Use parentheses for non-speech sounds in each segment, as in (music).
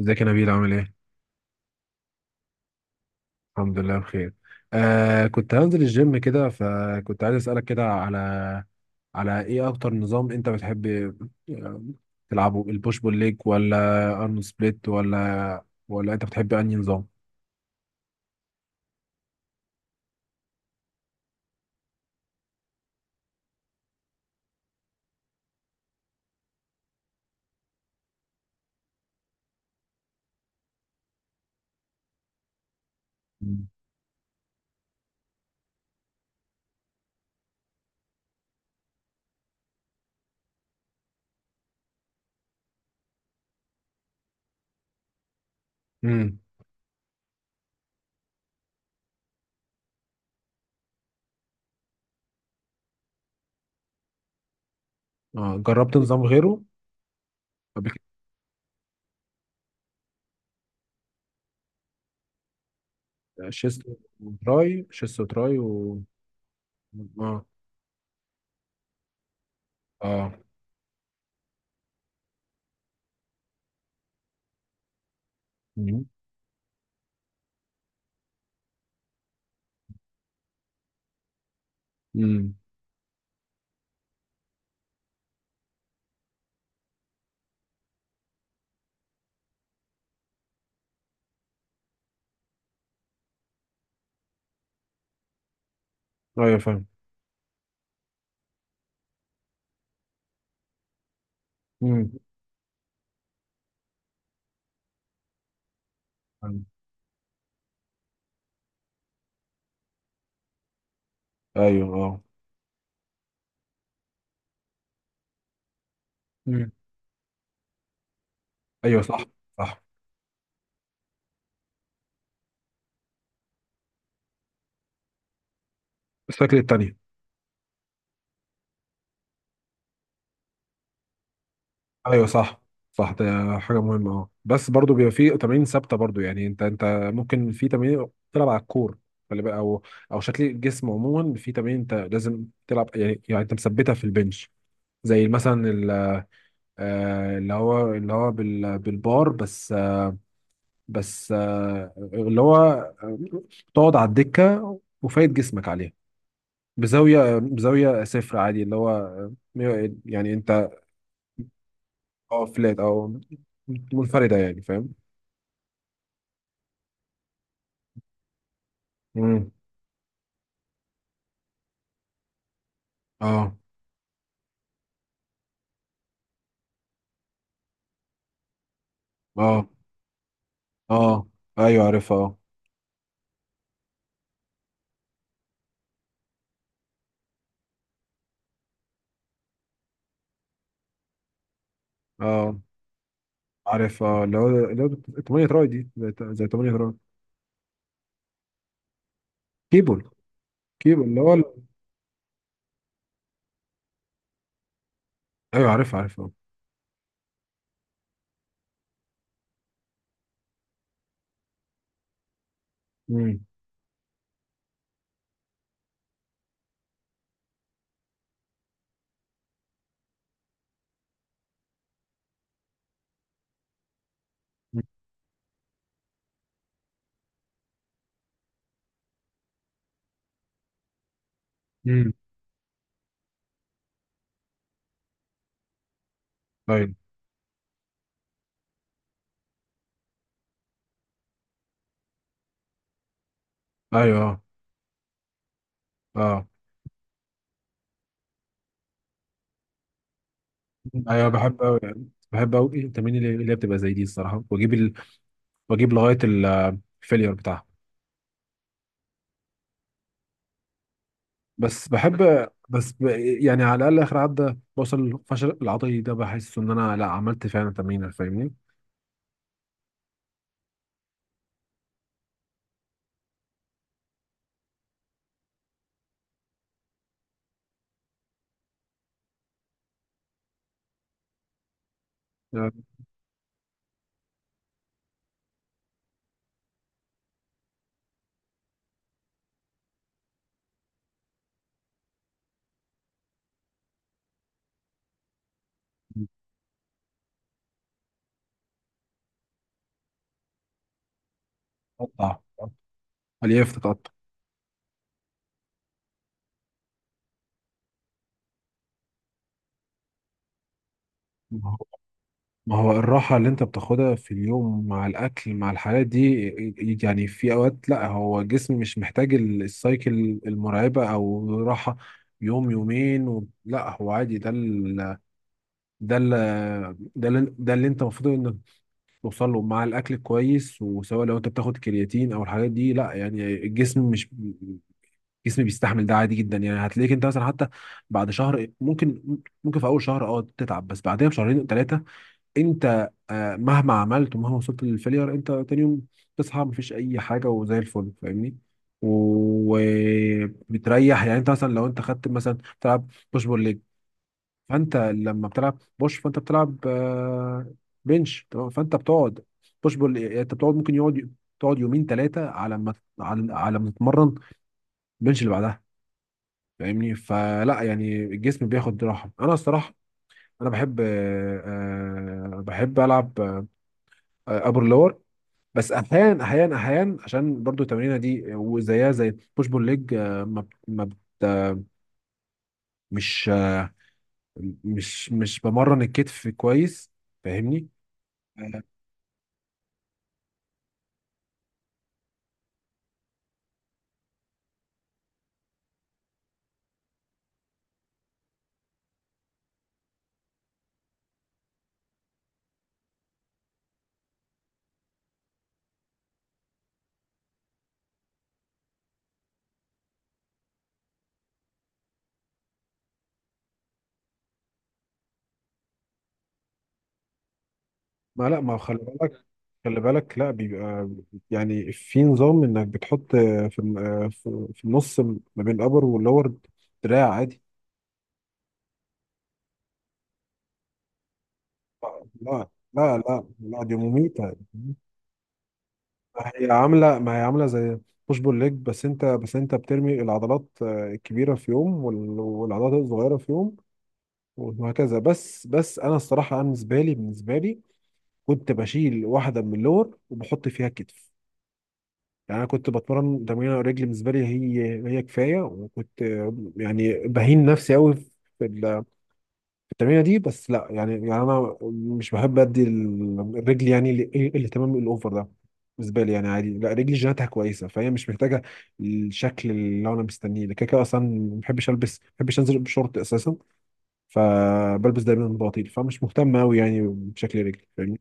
ازيك يا نبيل، عامل ايه؟ الحمد لله بخير. كنت هنزل الجيم كده، فكنت عايز اسألك كده على ايه اكتر نظام انت بتحب آه، تلعبه؟ البوش بول ليج ولا ارنولد سبليت، ولا انت بتحب انهي نظام؟ مم. امم. آه، جربت نظام غيره قبل كده؟ شيست وتراي، شيست وتراي اه، اه، امم، ايوه فاهم. امم، ايوه، اه، مم. ايوه، صح. الشكل التاني. ايوه، صح. ده حاجه مهمه. اه بس برضو بيبقى في تمارين ثابته برضو، يعني انت ممكن في تمارين تلعب على الكور. خلي بالك، او شكل الجسم عموما، في تمارين انت لازم تلعب، يعني انت مثبتها في البنش، زي مثلا اللي هو بالبار بس بس اللي هو تقعد على الدكه وفايد جسمك عليها بزاويه، بزاويه صفر عادي، اللي هو يعني انت. اه فلات، او منفرده يعني. فاهم؟ مم. اه، اه، اه. ايوه عارفها. اه، اه، عارفها. اللي هو 8 تراي دي، زي 8 تراي كيبل. كيبل اللي هو. ايوه عارفها، عارفها. امم، امم. ايوه، ايوه. اه، اه. ايوه بحب قوي، بحب قوي التمارين اللي هي بتبقى زي دي الصراحه، واجيب واجيب لغايه الفيلير بتاعها. بس بحب، بس ب... يعني على الاقل اخر عدى بوصل الفشل العضلي، ده بحس ان انا لا عملت فعلا تمرين، فاهمني؟ يعني تقطع، الياف تتقطع. ما هو الراحة اللي انت بتاخدها في اليوم مع الأكل مع الحاجات دي، يعني في أوقات لا، هو الجسم مش محتاج السايكل المرعبة أو راحة يوم يومين و. لا هو عادي، ده ال... ده اللي انت المفروض انك توصل له مع الأكل كويس، وسواء لو انت بتاخد كرياتين أو الحاجات دي، لا يعني الجسم، مش الجسم بيستحمل ده عادي جدا. يعني هتلاقيك انت مثلا، حتى بعد شهر ممكن، في أول شهر اه تتعب، بس بعدها بشهرين ثلاثة انت مهما عملت ومهما وصلت للفيلير، انت تاني يوم تصحى مفيش اي حاجه وزي الفل، فاهمني؟ وبتريح. يعني انت مثلا لو انت خدت مثلا بتلعب بوش بول ليج، فانت لما بتلعب بوش فانت بتلعب بنش تمام، فانت بتقعد بوش بول. يعني انت بتقعد، ممكن يقعد، تقعد يومين ثلاثه، على ما، على ما تتمرن البنش اللي بعدها، فاهمني؟ فلا يعني الجسم بياخد راحه. انا الصراحه انا بحب بحب العب ابر لور. بس احيانا عشان برضو التمرينه دي، وزيها زي بوش بول ليج، ما بت- ما بت- مش مش بمرن الكتف كويس، فاهمني؟ آه. ما خلي بالك، خلي بالك، لا بيبقى يعني في نظام انك بتحط في في النص ما بين الابر واللور، دراع عادي. لا، دي مميتة. ما هي عامله زي بوش بول ليج، بس انت بترمي العضلات الكبيره في يوم، والعضلات الصغيره في يوم، وهكذا. بس انا الصراحه، انا بالنسبه لي كنت بشيل واحده من اللور وبحط فيها الكتف. يعني انا كنت بتمرن تمرين الرجل، بالنسبه لي هي كفايه، وكنت يعني بهين نفسي قوي التمرينه دي. بس لا يعني، انا مش بحب ادي الرجل يعني الاهتمام الاوفر ده بالنسبه لي، يعني عادي. لا، رجلي جيناتها كويسه، فهي مش محتاجه الشكل اللي انا مستنيه، لكن كده اصلا ما بحبش البس، ما بحبش انزل بشورت اساسا، فبلبس دايما بنطلون، فمش مهتم قوي يعني بشكل رجلي، فاهمني؟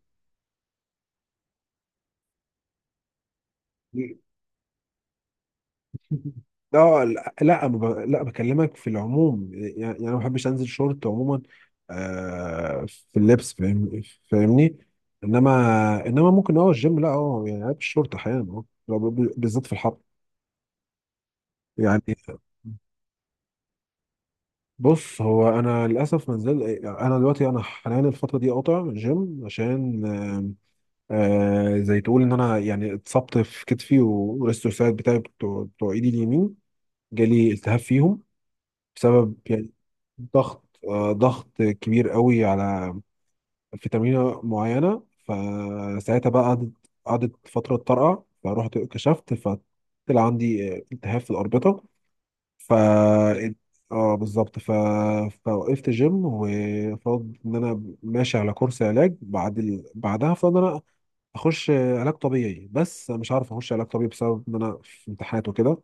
اه، لا لا ما ب- لا بكلمك في العموم، يعني انا ما بحبش انزل شورت عموما في اللبس، فاهمني. انما ممكن اه الجيم، لا اه يعني لابس شورت احيانا، اه لو بالذات في الحر. يعني، بص هو انا للاسف ما نزل. انا دلوقتي، انا حاليا الفتره دي قاطع جيم عشان آه، زي تقول ان انا يعني اتصبت في كتفي، والريستوسايد بتاعي، بتوع ايدي اليمين، جالي التهاب فيهم بسبب، يعني ضغط، ضغط كبير قوي على، في تمرينة معينة. فساعتها بقى قعدت فترة طرقع، فروحت كشفت، فطلع عندي التهاب في الأربطة. ف اه بالظبط فوقفت جيم، وفرض ان انا ماشي على كورس علاج، بعد بعدها فرض ان انا اخش علاج طبيعي، بس أنا مش عارف اخش علاج طبيعي بسبب ان انا في امتحانات وكده.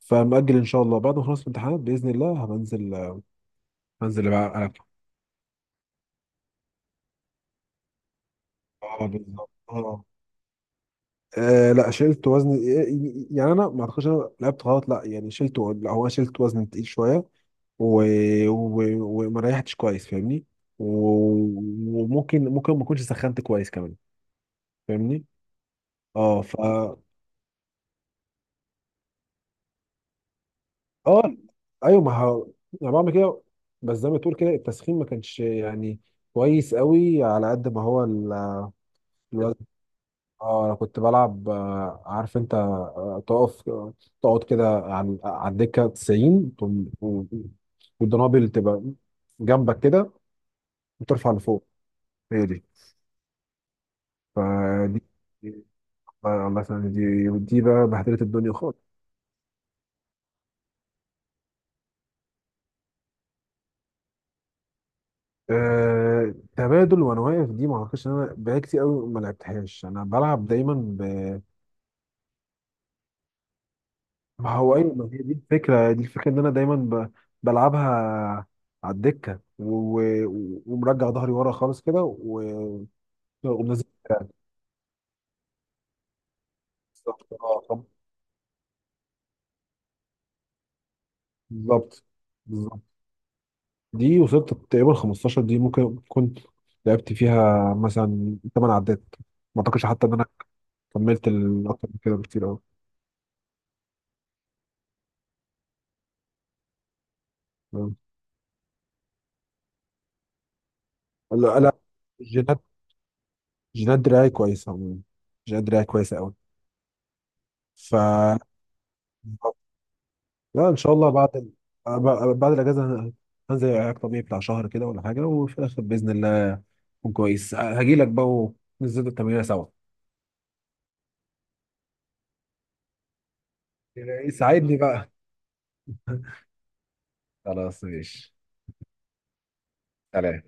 فمأجل ان شاء الله، بعد ما اخلص الامتحانات باذن الله هبنزل انزل اللي بقى انا. اه بالظبط اه، لا شلت وزن، إيه، يعني انا ما اعتقدش انا لعبت غلط، لا يعني شلت، لا هو أنا شلت وزن تقيل شويه، و، و، وما ريحتش كويس فاهمني، و، وممكن ممكن ما اكونش سخنت كويس كمان، فاهمني؟ اه اه، ايوه ما ه... انا بعمل كده، بس زي ما تقول كده التسخين ما كانش يعني كويس قوي على قد ما هو الوزن. اه، انا كنت بلعب عارف انت تقف، تقعد كده عن على الدكه 90، والدنابل تبقى جنبك كده وترفع لفوق. هي دي. فدي، الله يسلمك، دي بقى بهدلت الدنيا خالص. تبادل وانا واقف، دي ما اعتقدش ان انا بقالي كتير قوي ما لعبتهاش، انا بلعب دايما. ما هو ايوه، ما هي دي الفكره ان انا دايما بلعبها على الدكه، و، و، ومرجع ظهري ورا خالص كده و، ومنزل (laughs) دراعي. بالظبط اه، بالظبط، بالظبط. دي وصلت تقريبا 15، دي ممكن كنت لعبت فيها مثلا 8 عدات، ما اعتقدش حتى ان انا كملت اكتر من كده بكتير قوي. لا لا. جينات جينات دراعي كويسه عموما. جينات دراعي كويسه قوي. ف لا، ان شاء الله بعد بعد الاجازه هنزل علاج طبيعي بتاع شهر كده ولا حاجه، وفي الاخر باذن الله اكون كويس، هاجي لك بقى وننزل التمرين سوا. ساعدني بقى. (laughs) خلاص ماشي. سلام.